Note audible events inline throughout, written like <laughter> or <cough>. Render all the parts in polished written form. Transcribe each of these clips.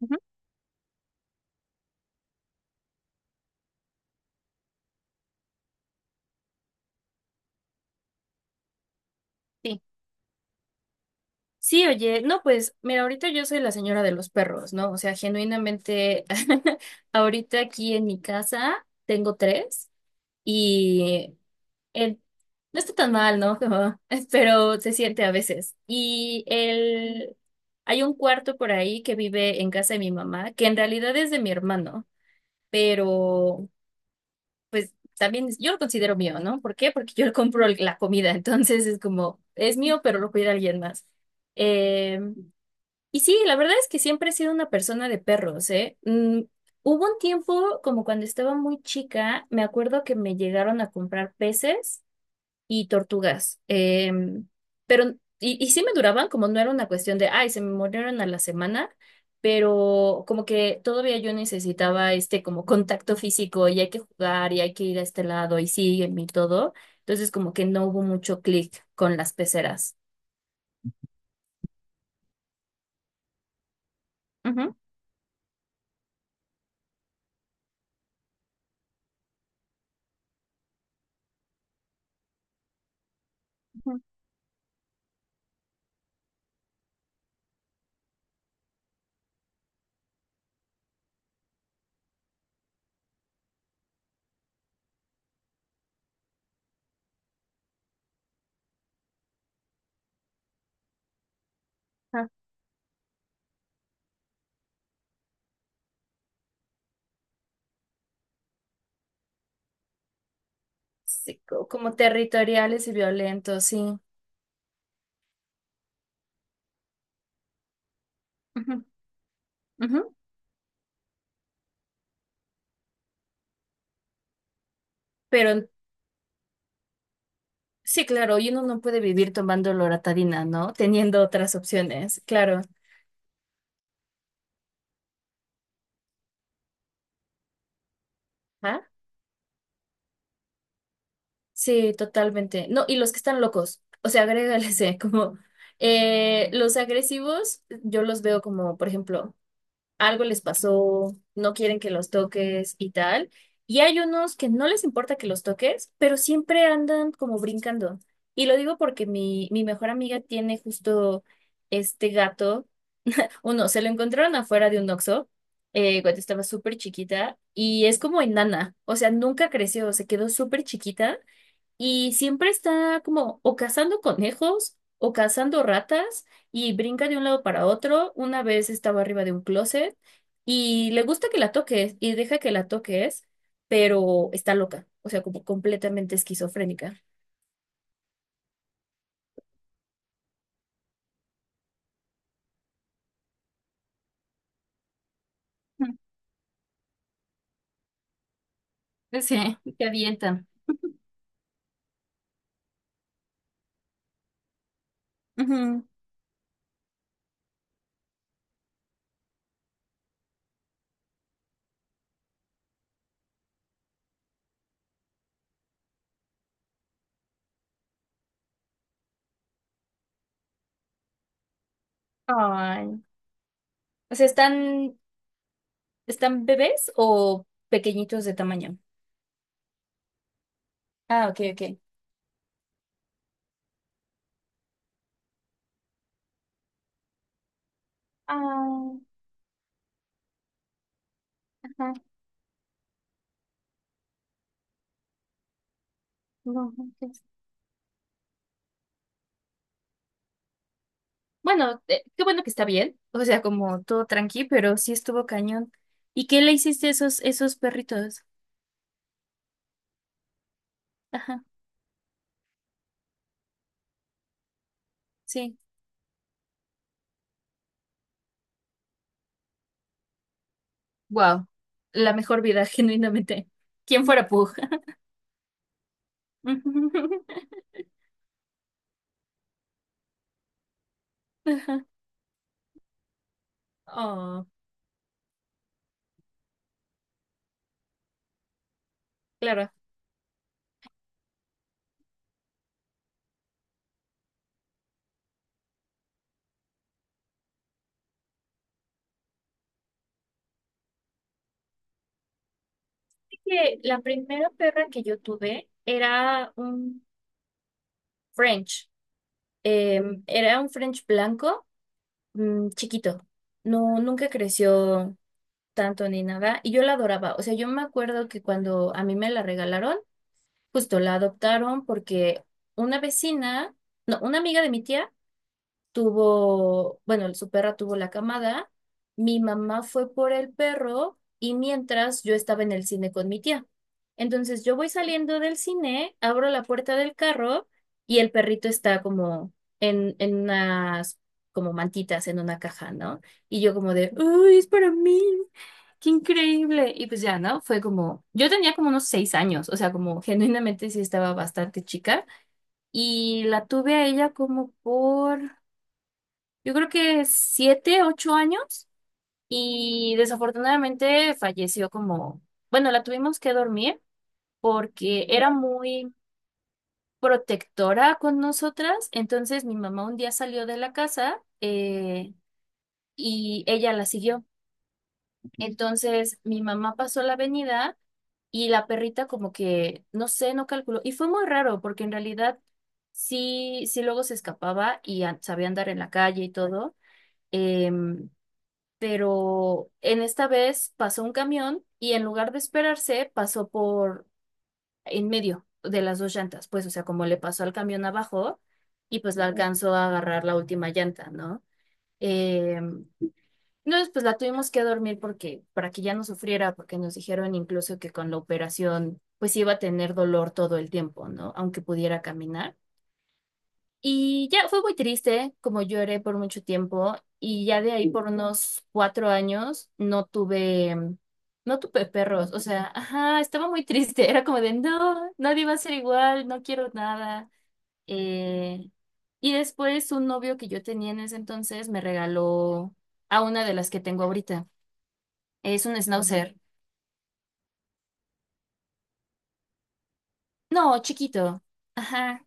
Ujú. Sí. Sí, oye, no, pues mira, ahorita yo soy la señora de los perros, ¿no? O sea, genuinamente, <laughs> ahorita aquí en mi casa tengo tres y el, no está tan mal, ¿no? <laughs> Pero se siente a veces. Y hay un cuarto por ahí que vive en casa de mi mamá, que en realidad es de mi hermano, pero pues también yo lo considero mío, ¿no? ¿Por qué? Porque yo le compro la comida, <laughs> entonces es como, es mío, pero lo cuida alguien más. Em, Y sí, la verdad es que siempre he sido una persona de perros, ¿eh? Mm, hubo un tiempo, como cuando estaba muy chica, me acuerdo que me llegaron a comprar peces y tortugas, pero, y sí me duraban, como no era una cuestión de, ay, se me murieron a la semana, pero como que todavía yo necesitaba este como contacto físico y hay que jugar y hay que ir a este lado y sígueme y todo, entonces como que no hubo mucho clic con las peceras. Ujú. Ujú. Sí, como territoriales y violentos, sí. Ujú, ujú. Pero sí, claro, y uno no puede vivir tomando loratadina, ¿no? Teniendo otras opciones, claro. ¿Ah? Sí, totalmente. No, y los que están locos, o sea, <laughs> agrégales, como los agresivos, yo los veo como, por ejemplo, algo les pasó, no quieren que los toques y tal. Y hay unos que no les importa que los toques, pero siempre andan como brincando. Y lo digo porque mi mejor amiga tiene justo este gato. Uno, se lo encontraron afuera de un Oxxo cuando estaba súper chiquita y es como enana, o sea, nunca creció, se quedó súper chiquita y siempre está como o cazando conejos o cazando ratas y brinca de un lado para otro. Una vez estaba arriba de un closet y le gusta que la toques y deja que la toques, pero está loca, o sea, como completamente esquizofrénica. <laughs> Sí, te avientan. Ujú. Ay. O sea, ¿están, están bebés o pequeñitos de tamaño? Ah, ok, ok. Ah, ajá, no, ok. Bueno, qué bueno que está bien, o sea, como todo tranqui, pero sí estuvo cañón. ¿Y qué le hiciste a esos, esos perritos? Ajá, sí. Wow, la mejor vida, <laughs> genuinamente. ¿Quién fuera Pug? <laughs> Ajá. Oh, claro. Que la primera perra que yo tuve era un French. Era un French blanco, mm, chiquito. No, nunca creció tanto ni nada. Y yo la adoraba. O sea, yo me acuerdo que cuando a mí me la regalaron, justo la adoptaron porque una vecina, no, una amiga de mi tía, tuvo, bueno, su perra tuvo la camada, mi mamá fue por el perro y mientras yo estaba en el cine con mi tía. Entonces yo voy saliendo del cine, abro la puerta del carro y el perrito está como en unas como mantitas en una caja, ¿no? Y yo como de, ¡Uy, es para mí! ¡Qué increíble! Y pues ya, ¿no? Fue como, yo tenía como unos 6 años, o sea, como genuinamente sí estaba bastante chica y la tuve a ella como por yo creo que 7, 8 años y desafortunadamente falleció como, bueno, la tuvimos que dormir porque era muy protectora con nosotras, entonces mi mamá un día salió de la casa y ella la siguió. Entonces mi mamá pasó la avenida y la perrita como que, no sé, no calculó. Y fue muy raro porque en realidad sí, sí luego se escapaba y sabía andar en la calle y todo. Em, pero en esta vez pasó un camión y en lugar de esperarse pasó por en medio de las dos llantas, pues o sea, como le pasó al camión abajo y pues la alcanzó a agarrar la última llanta, ¿no? Eh, entonces pues la tuvimos que dormir porque para que ya no sufriera, porque nos dijeron incluso que con la operación pues iba a tener dolor todo el tiempo, ¿no? Aunque pudiera caminar. Y ya fue muy triste, como lloré por mucho tiempo, y ya de ahí por unos 4 años no tuve perros, o sea, ajá, estaba muy triste, <laughs> era como de, no, nadie va a ser igual, no quiero nada. Eh, y después un novio que yo tenía en ese entonces me regaló a una de las que tengo ahorita, es un schnauzer, no, chiquito, ajá,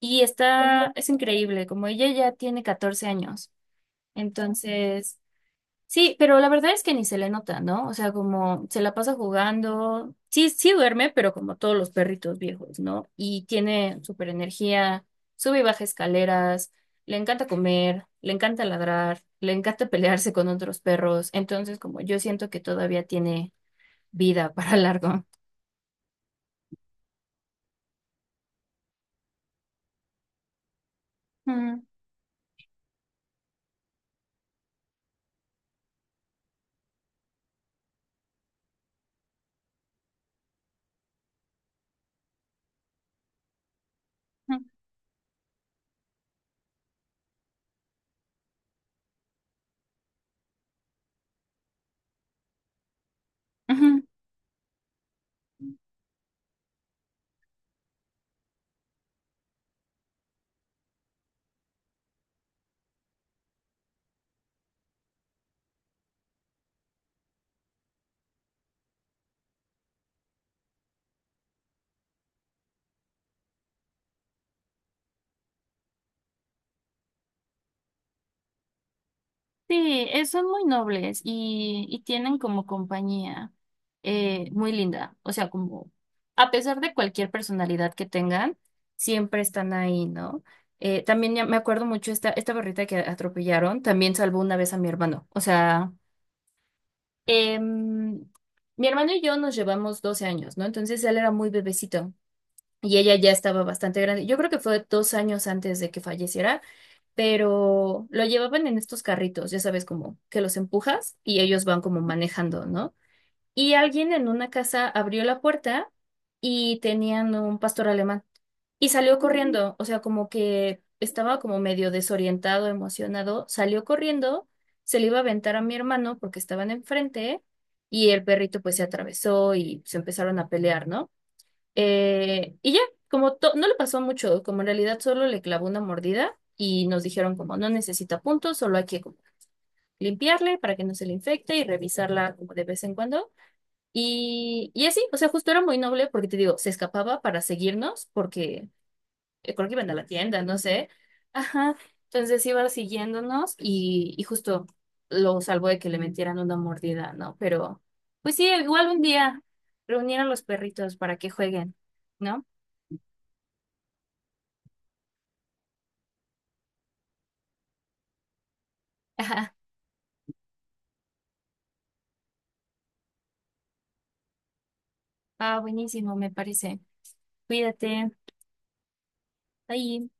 y está, es increíble, como ella ya tiene 14 años, entonces... Sí, pero la verdad es que ni se le nota, ¿no? O sea, como se la pasa jugando. Sí, sí duerme, pero como todos los perritos viejos, ¿no? Y tiene súper energía, sube y baja escaleras, le encanta comer, le encanta ladrar, le encanta <laughs> pelearse con otros perros. Entonces, como yo siento que todavía tiene vida para largo. Mm, mm, ujú. Sí, son muy nobles y tienen como compañía muy linda. O sea, como a pesar de cualquier personalidad que tengan, siempre están ahí, ¿no? También ya me acuerdo mucho esta perrita que atropellaron, también salvó una vez a mi hermano. O sea, em, mi hermano y yo nos llevamos 12 años, ¿no? Entonces él era muy bebecito y ella ya estaba bastante grande. Yo creo que fue 2 años antes de que falleciera pero lo llevaban en estos carritos, ya sabes, como que los empujas y ellos van como manejando, ¿no? Y alguien en una casa abrió la puerta y tenían un pastor alemán y salió corriendo, o sea, como que estaba como medio desorientado, emocionado, salió corriendo, se le iba a aventar a mi hermano porque estaban enfrente y el perrito pues se atravesó y se empezaron a pelear, ¿no? Y ya, como no le pasó mucho, como en realidad solo le clavó una mordida y nos dijeron como no necesita puntos, solo hay que como limpiarle para que no se le infecte y revisarla como de vez en cuando. Y así, o sea, justo era muy noble porque te digo, se escapaba para seguirnos porque creo que iban a la tienda, no sé. Ajá, entonces iba siguiéndonos y justo lo salvó de que le metieran una mordida, ¿no? Pero pues sí, igual un día reunir a los perritos para que jueguen, ¿no? <laughs> Ah, buenísimo, me parece. Cuídate. Ahí.